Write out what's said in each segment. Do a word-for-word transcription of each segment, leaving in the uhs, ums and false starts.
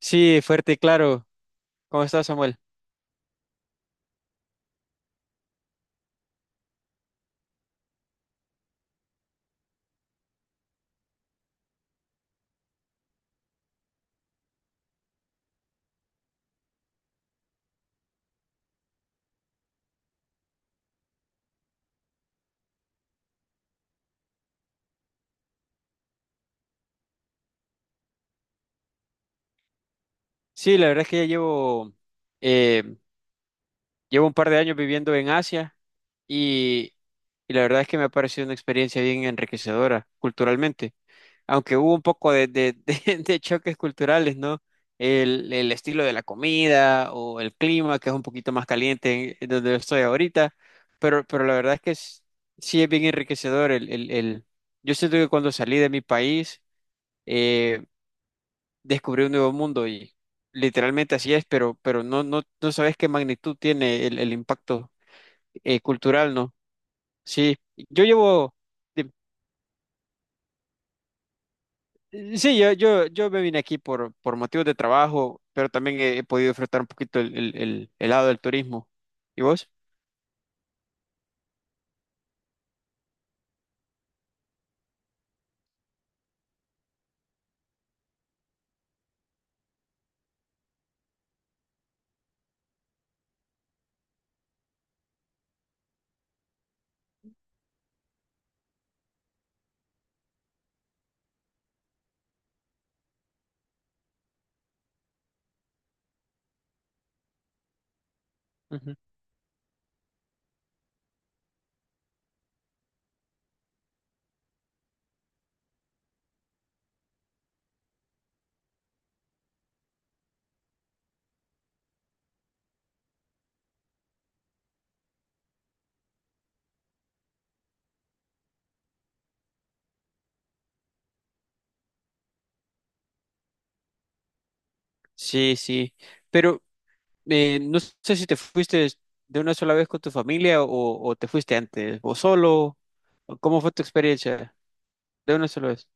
Sí, fuerte y claro. ¿Cómo estás, Samuel? Sí, la verdad es que ya llevo, eh, llevo un par de años viviendo en Asia y, y la verdad es que me ha parecido una experiencia bien enriquecedora culturalmente, aunque hubo un poco de, de, de- de choques culturales, ¿no? El, el estilo de la comida o el clima, que es un poquito más caliente en donde estoy ahorita, pero, pero la verdad es que es- sí es bien enriquecedor. El, el, el... Yo siento que cuando salí de mi país, eh, descubrir un nuevo mundo y literalmente así es, pero, pero no, no, no sabes qué magnitud tiene el, el impacto eh, cultural, ¿no? Sí, yo llevo, de- sí, yo, yo, yo me vine aquí por, por motivos de trabajo, pero también he, he podido disfrutar un poquito el, el, el- el lado del turismo. ¿Y vos? Ujú. Sí, sí, pero eh, no sé si te fuiste de una sola vez con tu familia o, o te fuiste antes, o solo, o ¿cómo fue tu experiencia de una sola vez?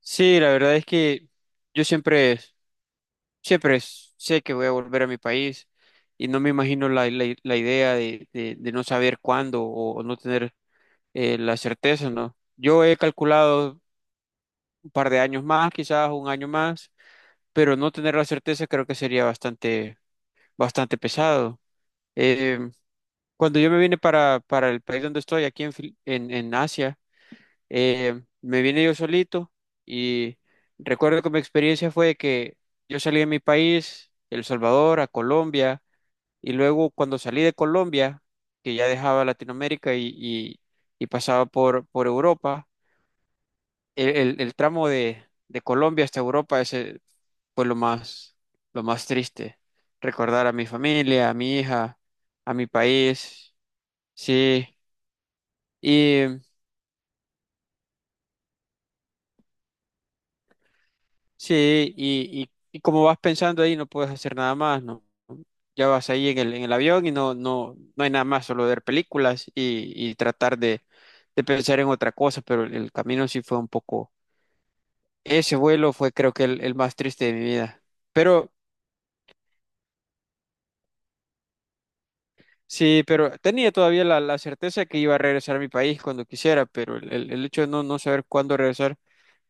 Sí, la verdad es que yo siempre, siempre sé que voy a volver a mi país y no me imagino la, la- la idea de, de- de no saber cuándo o, o no tener eh, la certeza, ¿no? Yo he calculado un par de años más, quizás un año más, pero no tener la certeza creo que sería bastante, bastante pesado. Eh, cuando yo me vine para, para el país donde estoy, aquí en, Fil- en en Asia. Eh, me vine yo solito y recuerdo que mi experiencia fue que yo salí de mi país, El Salvador, a Colombia, y luego cuando salí de Colombia, que ya dejaba Latinoamérica y, y- y pasaba por, por Europa, el, el- el tramo de, de Colombia hasta Europa, ese fue lo más, lo más triste. Recordar a mi familia, a mi hija, a mi país, sí. Y sí, y, y, y como vas pensando ahí, no puedes hacer nada más, ¿no? Ya vas ahí en el, en el avión y no, no, no hay nada más, solo ver películas y, y tratar de, de pensar en otra cosa, pero el, el camino sí fue un poco. Ese vuelo fue creo que el, el más triste de mi vida. Pero sí, pero tenía todavía la, la certeza que iba a regresar a mi país cuando quisiera, pero el, el- el hecho de no, no saber cuándo regresar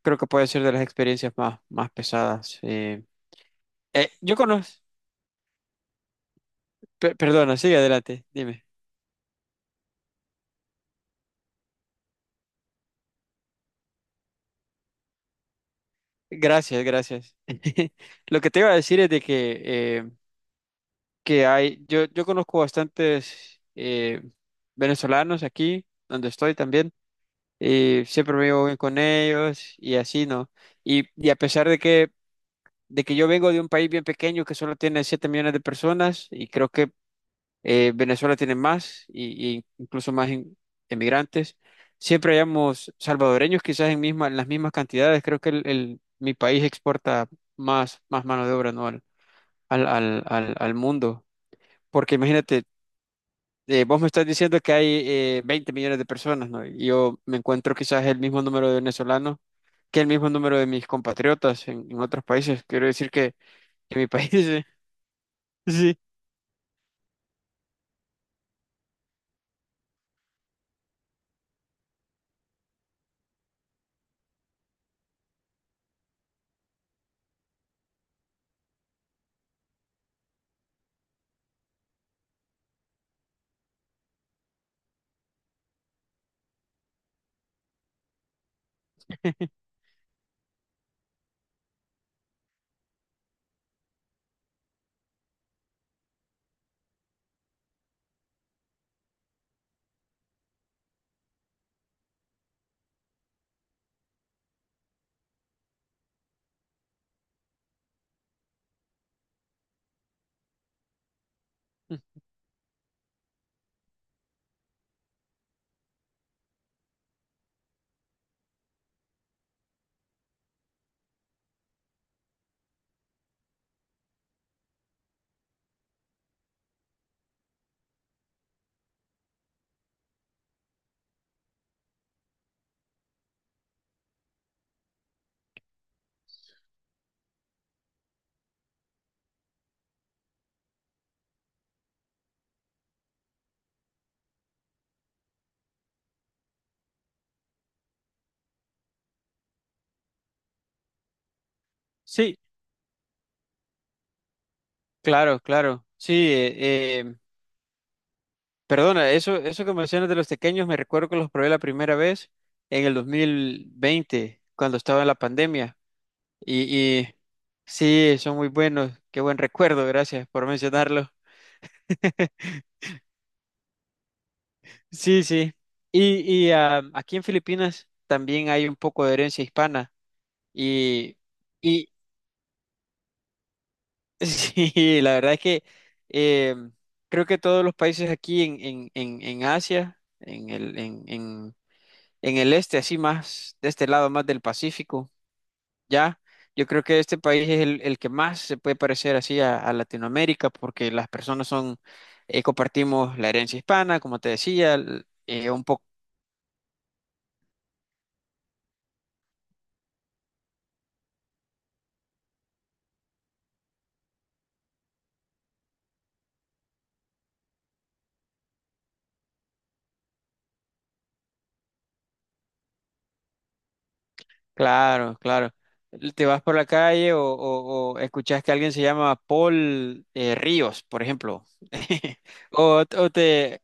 creo que puede ser de las experiencias más, más pesadas. eh. Eh, yo conozco. Perdona, sigue adelante, dime. Gracias, gracias. Lo que te iba a decir es de que, eh, que hay, yo, yo conozco bastantes eh, venezolanos aquí, donde estoy también, y siempre me llevo bien con ellos y así, ¿no? Y, y a pesar de que, de que yo vengo de un país bien pequeño que solo tiene siete millones de personas y creo que eh, Venezuela tiene más y, y incluso más in- emigrantes. Siempre hayamos salvadoreños, quizás en, misma, en las mismas cantidades. Creo que el, el- mi país exporta más, más mano de obra, ¿no? al, al, al, al- al mundo. Porque imagínate, eh, vos me estás diciendo que hay eh, veinte millones de personas, ¿no? Y yo me encuentro quizás el mismo número de venezolanos que el mismo número de mis compatriotas en, en otros países. Quiero decir que, que mi país. Sí, sí, claro, claro, sí. eh, eh, perdona, eso, eso que mencionas de los tequeños, me recuerdo que los probé la primera vez en el dos mil veinte, cuando estaba en la pandemia. Y, y sí, son muy buenos. Qué buen recuerdo, gracias por mencionarlo. Sí, sí. Y, y ah, aquí en Filipinas también hay un poco de herencia hispana. Y, y sí, la verdad es que eh, creo que todos los países aquí en, en, en, en Asia, en el, en, en en el este, así más, de este lado más del Pacífico, ¿ya? Yo creo que este país es el, el que más se puede parecer así a, a Latinoamérica porque las personas son, eh, compartimos la herencia hispana, como te decía, l- eh, un poco, claro, claro. Te vas por la calle o, o- o escuchas que alguien se llama Paul eh, Ríos, por ejemplo. O, o te,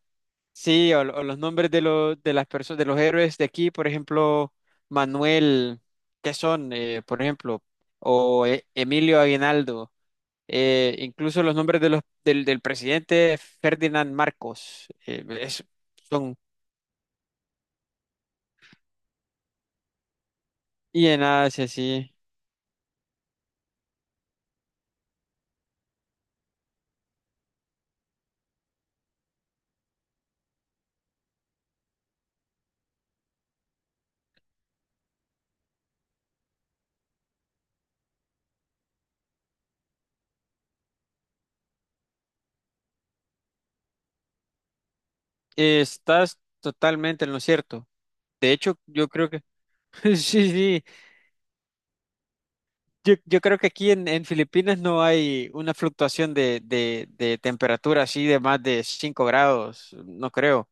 sí, o, o los nombres de los de las personas de los héroes de aquí, por ejemplo, Manuel, ¿qué son? Eh, por ejemplo, o eh, Emilio Aguinaldo, eh, incluso los nombres de los del, del presidente Ferdinand Marcos, eh, es- son y en Asia, sí. Estás totalmente en lo cierto. De hecho, yo creo que sí, sí. Yo, yo creo que aquí en, en Filipinas no hay una fluctuación de, de, de temperatura así de más de cinco grados, no creo.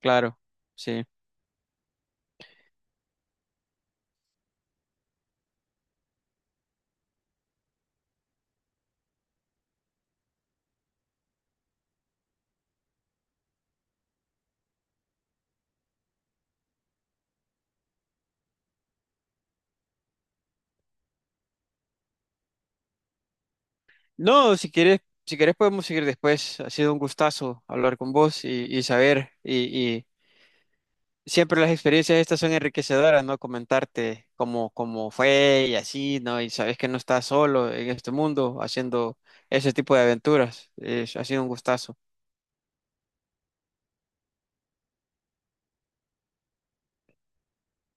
Claro, sí. No, si quieres, si quieres podemos seguir después. Ha sido un gustazo hablar con vos y, y saber. Y, y siempre las experiencias estas son enriquecedoras, ¿no? Comentarte cómo, cómo fue y así, ¿no? Y sabes que no estás solo en este mundo haciendo ese tipo de aventuras. Es- ha sido un gustazo.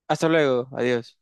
Hasta luego, adiós.